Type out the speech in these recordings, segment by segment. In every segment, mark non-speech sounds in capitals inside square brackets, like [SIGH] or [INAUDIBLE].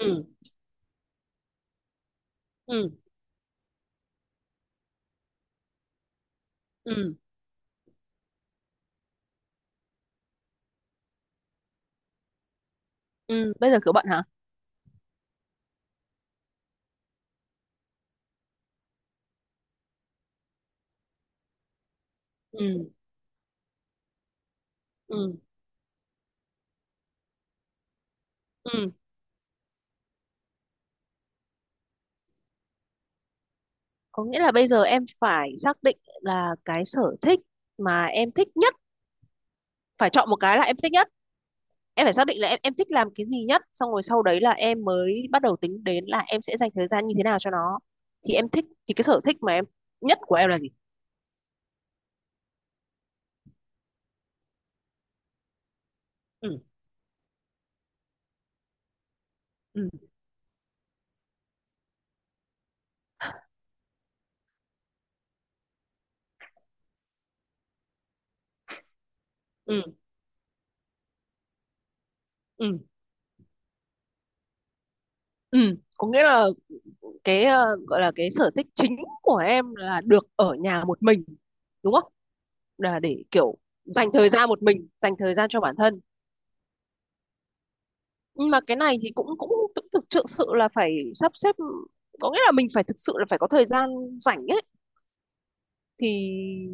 ừ ừ ừ ừ, bây giờ kiểu bận hả? Ừ ừ ừ Có nghĩa là bây giờ em phải xác định là cái sở thích mà em thích nhất, phải chọn một cái là em thích nhất. Em phải xác định là em thích làm cái gì nhất, xong rồi sau đấy là em mới bắt đầu tính đến là em sẽ dành thời gian như thế nào cho nó. Thì em thích, thì cái sở thích mà em nhất của em là gì? Ừ ừ ừ ừ ừ Có nghĩa là cái gọi là cái sở thích chính của em là được ở nhà một mình, đúng không? Là để kiểu dành thời gian một mình, dành thời gian cho bản thân. Nhưng mà cái này thì cũng cũng cũng thực thực sự là phải sắp xếp. Có nghĩa là mình phải thực sự là phải có thời gian rảnh ấy, thì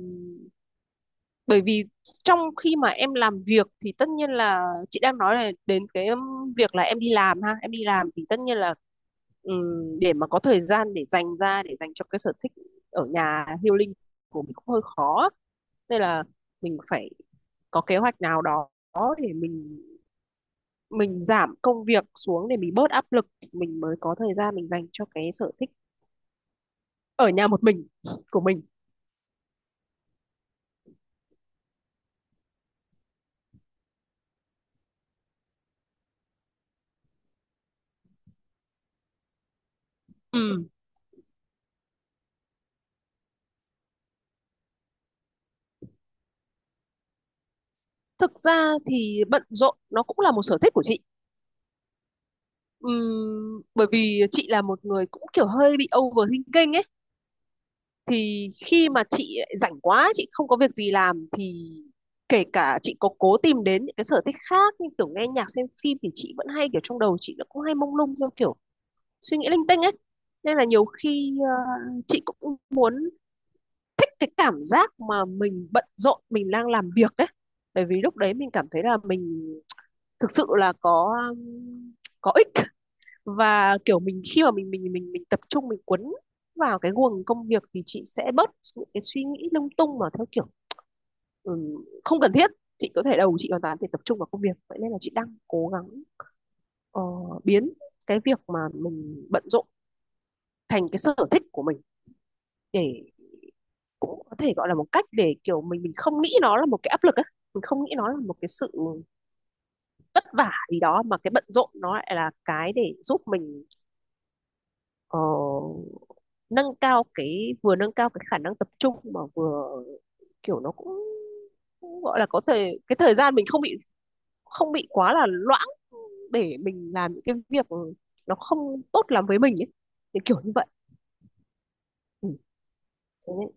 bởi vì trong khi mà em làm việc thì tất nhiên là chị đang nói là đến cái việc là em đi làm ha, em đi làm thì tất nhiên là để mà có thời gian để dành ra để dành cho cái sở thích ở nhà healing của mình cũng hơi khó. Nên là mình phải có kế hoạch nào đó để mình giảm công việc xuống để mình bớt áp lực, thì mình mới có thời gian mình dành cho cái sở thích ở nhà một mình của mình. Ừ. Thực ra thì bận rộn nó cũng là một sở thích của chị. Bởi vì chị là một người cũng kiểu hơi bị overthinking ấy, thì khi mà chị lại rảnh quá, chị không có việc gì làm thì kể cả chị có cố tìm đến những cái sở thích khác như kiểu nghe nhạc, xem phim thì chị vẫn hay kiểu trong đầu chị nó cũng hay mông lung theo kiểu suy nghĩ linh tinh ấy. Nên là nhiều khi chị cũng muốn, thích cái cảm giác mà mình bận rộn, mình đang làm việc đấy. Bởi vì lúc đấy mình cảm thấy là mình thực sự là có ích. Và kiểu mình khi mà mình tập trung, mình cuốn vào cái guồng công việc thì chị sẽ bớt những cái suy nghĩ lung tung mà theo kiểu ừm, không cần thiết. Chị có thể đầu chị hoàn toàn thì tập trung vào công việc, vậy nên là chị đang cố gắng ờ, biến cái việc mà mình bận rộn thành cái sở thích của mình, để có thể gọi là một cách để kiểu mình không nghĩ nó là một cái áp lực á, mình không nghĩ nó là một cái sự vất vả gì đó, mà cái bận rộn nó lại là cái để giúp mình ờ, nâng cao cái, vừa nâng cao cái khả năng tập trung, mà vừa kiểu nó cũng, cũng gọi là có thể cái thời gian mình không bị, không bị quá là loãng để mình làm những cái việc nó không tốt lắm với mình ấy, thì kiểu như vậy. Ừ. Thế nên-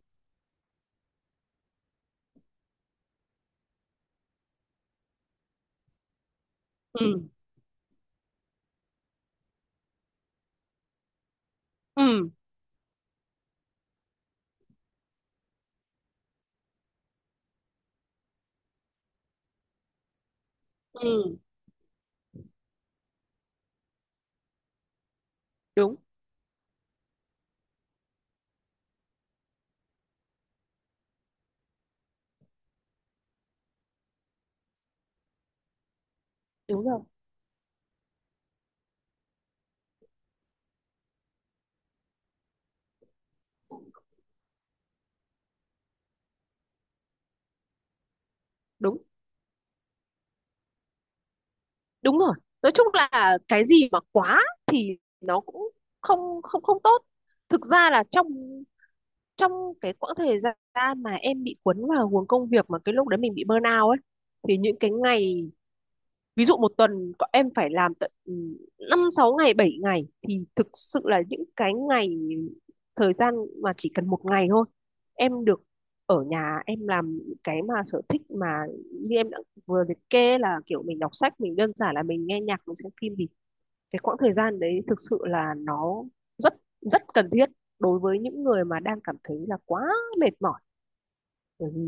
ừ ừ ừ. đúng đúng rồi đúng đúng rồi Nói chung là cái gì mà quá thì nó cũng không không không tốt. Thực ra là trong trong cái quãng thời gian mà em bị cuốn vào guồng công việc, mà cái lúc đấy mình bị burnout ấy, thì những cái ngày, ví dụ một tuần em phải làm tận năm sáu ngày, bảy ngày, thì thực sự là những cái ngày, thời gian mà chỉ cần một ngày thôi em được ở nhà, em làm cái mà sở thích mà như em đã vừa liệt kê là kiểu mình đọc sách, mình đơn giản là mình nghe nhạc, mình xem phim, thì cái quãng thời gian đấy thực sự là nó rất rất cần thiết đối với những người mà đang cảm thấy là quá mệt mỏi. Bởi vì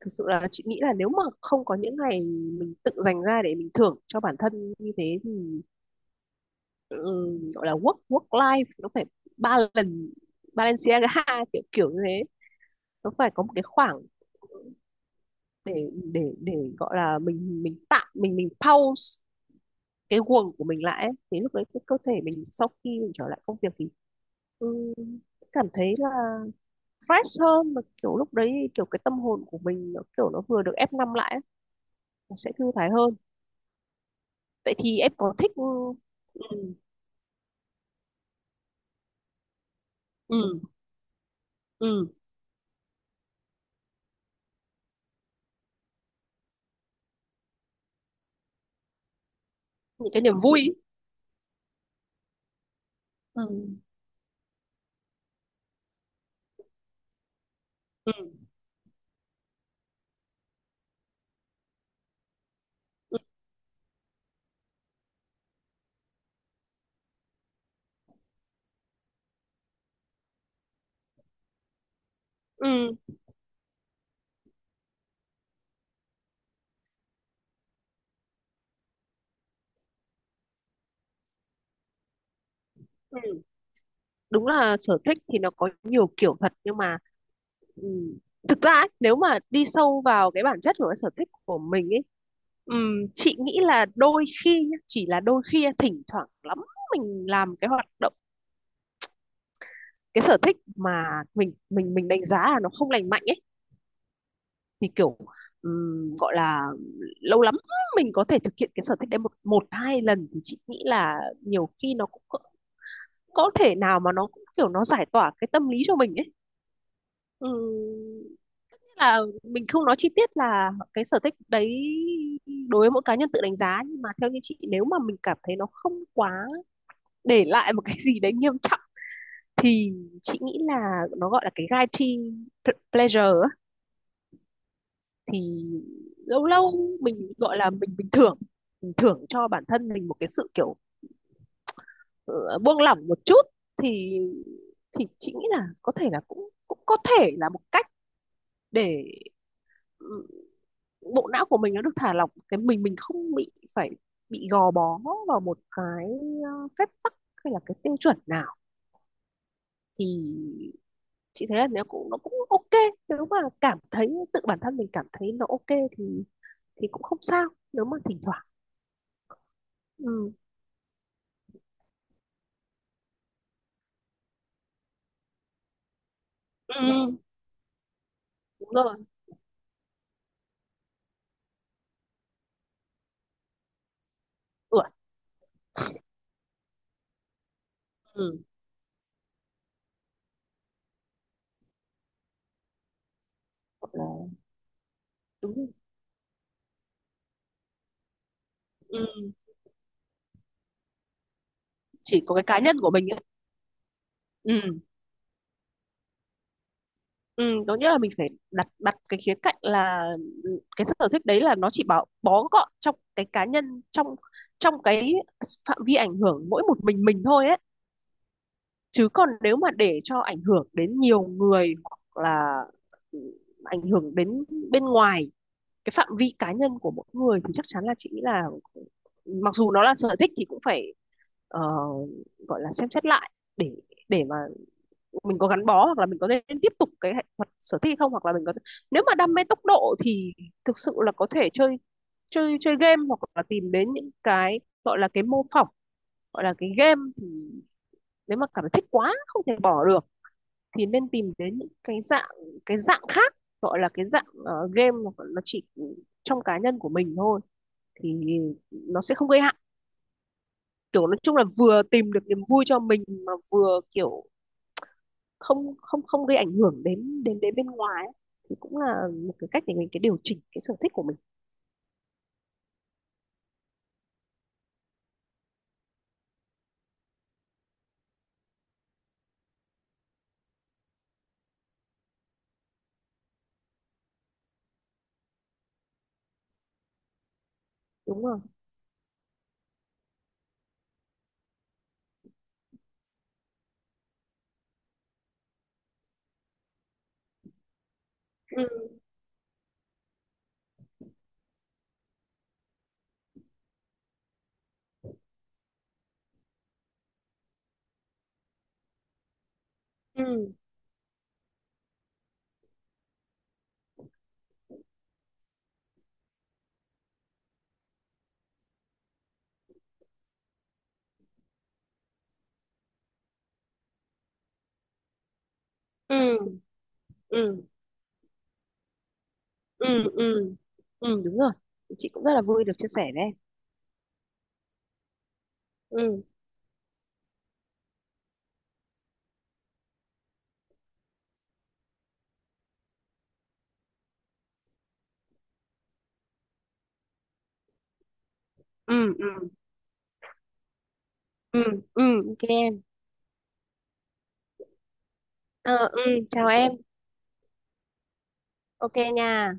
thực sự là chị nghĩ là nếu mà không có những ngày mình tự dành ra để mình thưởng cho bản thân như thế thì ừ, gọi là work work life nó phải ba lần Balenciaga [LAUGHS] kiểu kiểu như thế, nó phải có một cái khoảng để để gọi là mình tạm mình pause cái guồng của mình lại ấy. Thế lúc đấy cái cơ thể mình sau khi mình trở lại công việc thì ừ, cảm thấy là fresh hơn. Mà kiểu lúc đấy kiểu cái tâm hồn của mình nó kiểu nó vừa được ép năm lại ấy, nó sẽ thư thái hơn. Vậy thì em có thích ừ, ừ, ừ, những cái niềm vui ý. Ừ. ừ, ừ, ừ. Đúng là sở thích thì nó có nhiều kiểu thật, nhưng mà ừ, thực ra ấy, nếu mà đi sâu vào cái bản chất của cái sở thích của mình ấy, ừ, chị nghĩ là đôi khi nhá, chỉ là đôi khi, thỉnh thoảng lắm mình làm cái hoạt động, cái sở thích mà mình đánh giá là nó không lành mạnh ấy, thì kiểu gọi là lâu lắm mình có thể thực hiện cái sở thích đấy một một hai lần thì chị nghĩ là nhiều khi nó cũng có thể nào mà nó cũng kiểu nó giải tỏa cái tâm lý cho mình ấy. Ừm, là mình không nói chi tiết là cái sở thích đấy đối với mỗi cá nhân tự đánh giá, nhưng mà theo như chị nếu mà mình cảm thấy nó không quá để lại một cái gì đấy nghiêm trọng thì chị nghĩ là nó gọi là cái guilty pleasure ấy. Thì lâu lâu mình gọi là mình bình thường mình thưởng cho bản thân mình một cái sự kiểu ờ, buông lỏng một chút, thì chị nghĩ là có thể là cũng cũng có thể là một cách để ừ, bộ não của mình nó được thả lỏng, cái mình không bị phải, bị gò bó vào một cái phép tắc hay là cái tiêu chuẩn nào, thì chị thấy là nếu cũng nó cũng ok, nếu mà cảm thấy tự bản thân mình cảm thấy nó ok thì cũng không sao nếu mà thỉnh thoảng. Ừ. Ừ, Đúng rồi, tuổi. Ừ, Hoặc là đúng rồi. Ừ, chỉ có cái cá nhân của mình ấy. Ừ, ừ, có nghĩa là mình phải đặt đặt cái khía cạnh là cái sở thích đấy là nó chỉ bảo bó gọn trong cái cá nhân, trong trong cái phạm vi ảnh hưởng mỗi một mình thôi ấy. Chứ còn nếu mà để cho ảnh hưởng đến nhiều người hoặc là ừ, ảnh hưởng đến bên ngoài cái phạm vi cá nhân của mỗi người thì chắc chắn là chị nghĩ là mặc dù nó là sở thích thì cũng phải ờ, gọi là xem xét lại để để mà mình có gắn bó hoặc là mình có nên tiếp tục cái hoạt sở thích không, hoặc là mình có, nếu mà đam mê tốc độ thì thực sự là có thể chơi chơi chơi game hoặc là tìm đến những cái gọi là cái mô phỏng, gọi là cái game. Thì nếu mà cảm thấy thích quá không thể bỏ được thì nên tìm đến những cái dạng, cái dạng khác, gọi là cái dạng game nó chỉ trong cá nhân của mình thôi, thì nó sẽ không gây hại. Kiểu nói chung là vừa tìm được niềm vui cho mình mà vừa kiểu không không không gây ảnh hưởng đến đến đến bên ngoài ấy, thì cũng là một cái cách để mình cái điều chỉnh cái sở thích của mình. Đúng không? Ừ ừ ừ ừ ừ ừ ừ đúng rồi, chị cũng rất là vui được chia sẻ với. ừ ừ ừ ừ. Ờ, ừ, ok nha.